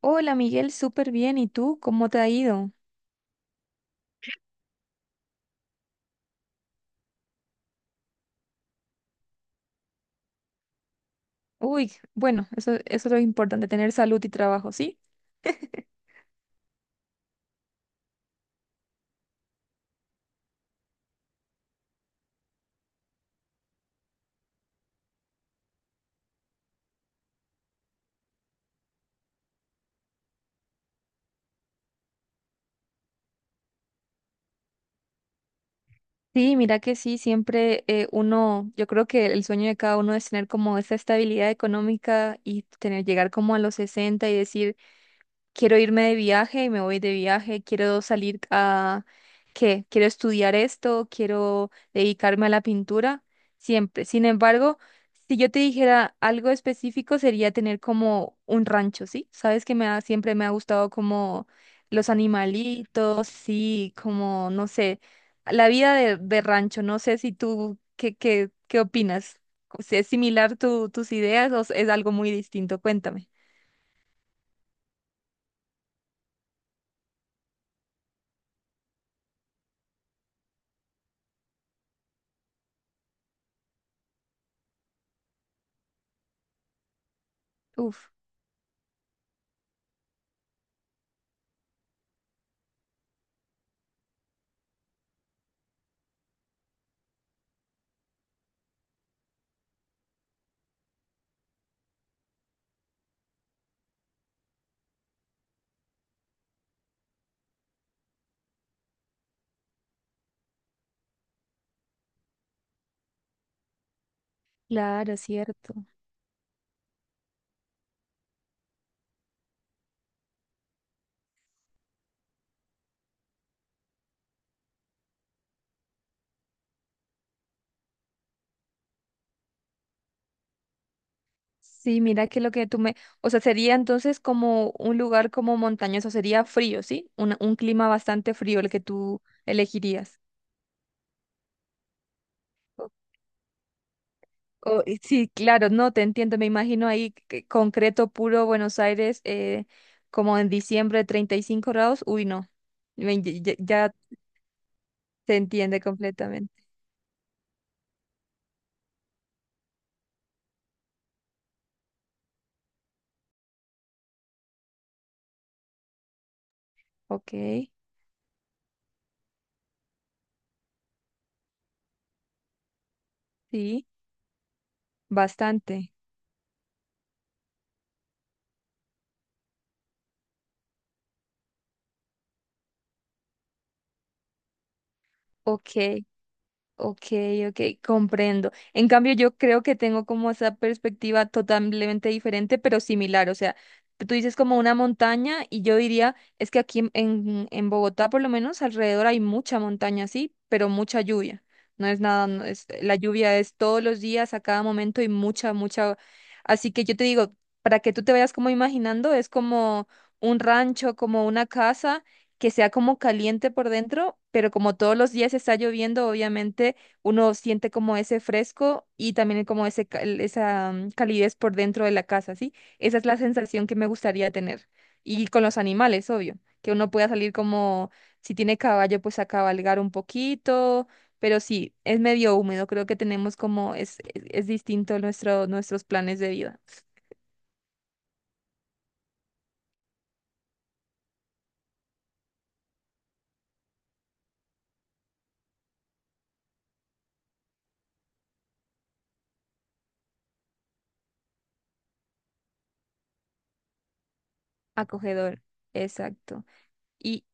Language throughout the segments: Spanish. Hola Miguel, súper bien. ¿Y tú? ¿Cómo te ha ido? Uy, bueno, eso es lo importante, tener salud y trabajo, ¿sí? Sí, mira que sí, siempre uno, yo creo que el sueño de cada uno es tener como esa estabilidad económica y tener, llegar como a los 60 y decir, quiero irme de viaje y me voy de viaje, quiero salir a, ¿qué? Quiero estudiar esto, quiero dedicarme a la pintura, siempre. Sin embargo, si yo te dijera algo específico sería tener como un rancho, ¿sí? Sabes que siempre me ha gustado como los animalitos, sí, como, no sé, la vida de rancho, no sé si tú, ¿qué opinas? Si ¿Es similar tus ideas o es algo muy distinto? Cuéntame. Uf, claro, cierto. Sí, mira que lo que tú me, o sea, sería entonces como un lugar como montañoso, sería frío, ¿sí? Un clima bastante frío el que tú elegirías. O- y sí, claro, no, te entiendo, me imagino ahí que concreto puro Buenos Aires, como en diciembre 35 grados, uy, no, ya, ya te entiende completamente. Ok, sí, bastante. Ok. Ok, ok, comprendo. En cambio, yo creo que tengo como esa perspectiva totalmente diferente, pero similar. O sea, tú dices como una montaña y yo diría, es que aquí en, en Bogotá por lo menos alrededor hay mucha montaña, sí, pero mucha lluvia. No es nada, no es, la lluvia es todos los días, a cada momento y mucha, mucha. Así que yo te digo, para que tú te vayas como imaginando, es como un rancho, como una casa que sea como caliente por dentro, pero como todos los días está lloviendo, obviamente uno siente como ese fresco y también como esa calidez por dentro de la casa, ¿sí? Esa es la sensación que me gustaría tener. Y con los animales, obvio, que uno pueda salir como, si tiene caballo, pues a cabalgar un poquito, pero sí, es medio húmedo, creo que tenemos como, es distinto nuestros planes de vida. Acogedor, exacto. Y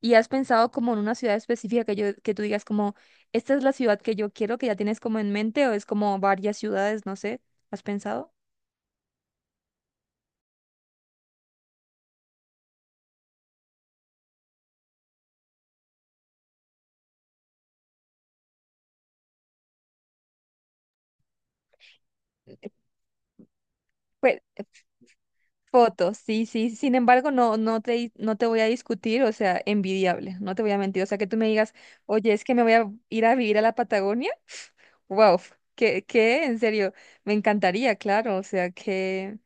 ¿Y has pensado como en una ciudad específica que yo, que tú digas como, esta es la ciudad que yo quiero, que ya tienes como en mente, o es como varias ciudades, no sé? ¿Has pensado? Pues, fotos, sí, sí. Sin embargo, no, no te voy a discutir, o sea, envidiable, no te voy a mentir. O sea, que tú me digas, oye, es que me voy a ir a vivir a la Patagonia. Wow, que, en serio, me encantaría, claro. O sea, que.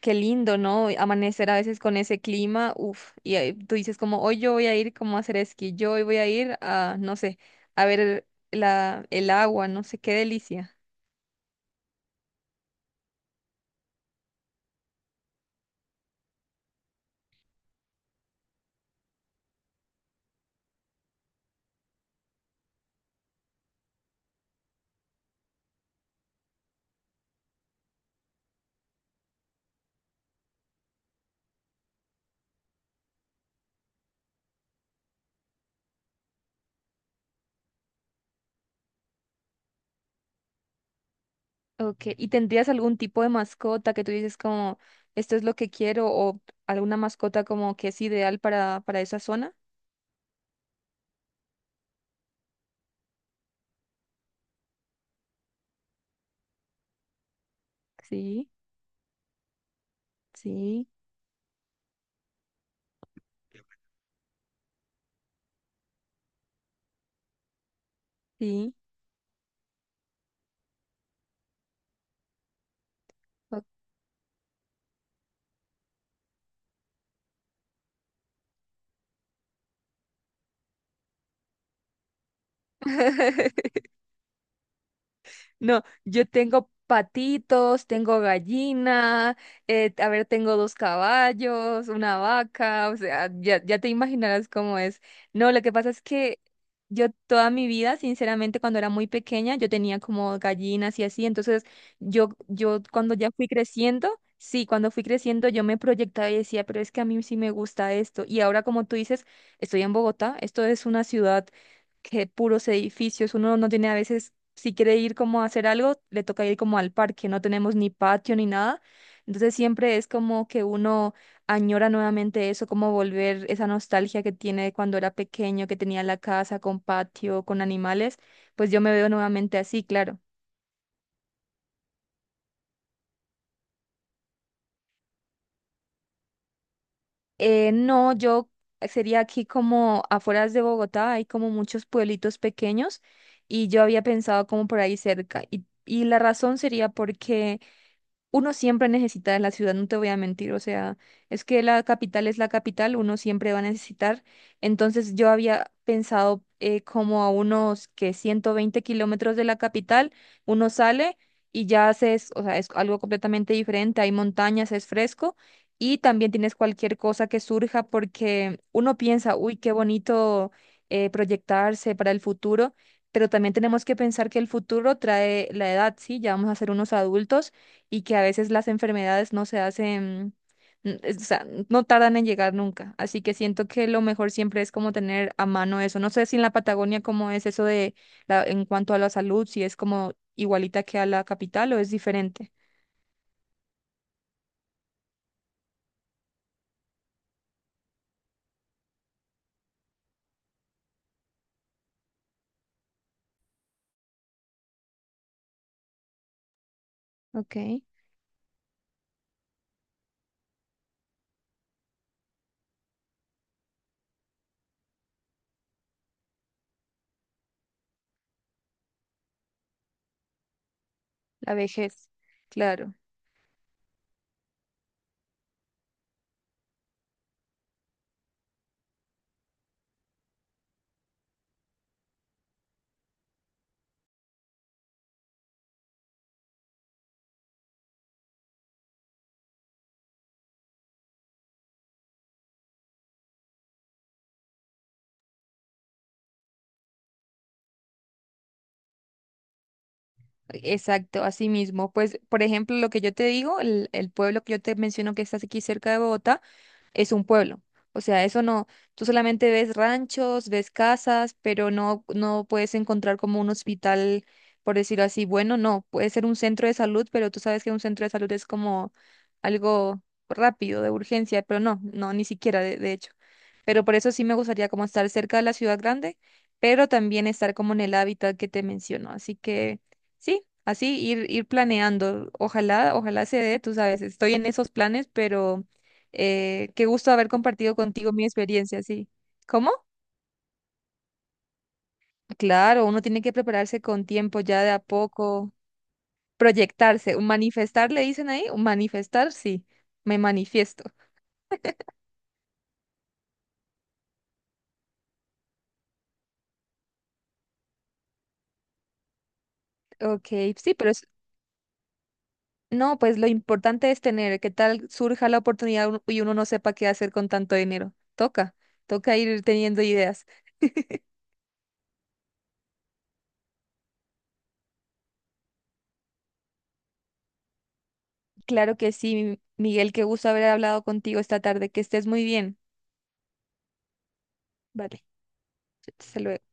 Qué lindo, ¿no? Amanecer a veces con ese clima, uff, y ahí tú dices como, hoy yo voy a ir como a hacer esquí, yo hoy voy a ir a, no sé, a ver la, el agua, no sé, qué delicia. Ok, ¿y tendrías algún tipo de mascota que tú dices como, esto es lo que quiero o alguna mascota como que es ideal para esa zona? Sí, sí, sí. Ok. No, yo tengo patitos, tengo gallina, a ver, tengo dos caballos, una vaca, o sea, ya, ya te imaginarás cómo es. No, lo que pasa es que yo toda mi vida, sinceramente, cuando era muy pequeña, yo tenía como gallinas y así, entonces yo cuando ya fui creciendo, sí, cuando fui creciendo yo me proyectaba y decía, pero es que a mí sí me gusta esto. Y ahora, como tú dices, estoy en Bogotá, esto es una ciudad que puros edificios, uno no tiene a veces si quiere ir como a hacer algo, le toca ir como al parque, no tenemos ni patio ni nada. Entonces siempre es como que uno añora nuevamente eso, como volver esa nostalgia que tiene de cuando era pequeño, que tenía la casa con patio, con animales, pues yo me veo nuevamente así, claro. No, yo sería aquí como afueras de Bogotá, hay como muchos pueblitos pequeños y yo había pensado como por ahí cerca. Y la razón sería porque... uno siempre necesita de la ciudad, no te voy a mentir, o sea, es que la capital es la capital, uno siempre va a necesitar. Entonces yo había pensado como a unos que 120 kilómetros de la capital, uno sale y ya haces, o sea, es algo completamente diferente, hay montañas, es fresco y también tienes cualquier cosa que surja porque uno piensa, uy, qué bonito proyectarse para el futuro. Pero también tenemos que pensar que el futuro trae la edad, ¿sí? Ya vamos a ser unos adultos y que a veces las enfermedades no se hacen, o sea, no tardan en llegar nunca. Así que siento que lo mejor siempre es como tener a mano eso. No sé si en la Patagonia cómo es eso de la, en cuanto a la salud, si es como igualita que a la capital o es diferente. Ok, la vejez, claro. Exacto, así mismo. Pues, por ejemplo, lo que yo te digo, el pueblo que yo te menciono que está aquí cerca de Bogotá, es un pueblo. O sea, eso no, tú solamente ves ranchos, ves casas, pero no, no puedes encontrar como un hospital, por decirlo así, bueno, no, puede ser un centro de salud, pero tú sabes que un centro de salud es como algo rápido, de urgencia, pero no, no, ni siquiera, de hecho. Pero por eso sí me gustaría como estar cerca de la ciudad grande, pero también estar como en el hábitat que te menciono. Así que sí, así ir planeando. Ojalá, ojalá se dé, tú sabes, estoy en esos planes, pero qué gusto haber compartido contigo mi experiencia, sí. ¿Cómo? Claro, uno tiene que prepararse con tiempo, ya de a poco, proyectarse, un manifestar, le dicen ahí, un manifestar, sí, me manifiesto. Ok, sí, pero es- no, pues lo importante es tener, que tal surja la oportunidad y uno no sepa qué hacer con tanto dinero. Toca, toca ir teniendo ideas. Claro que sí, Miguel, qué gusto haber hablado contigo esta tarde, que estés muy bien. Vale, hasta luego.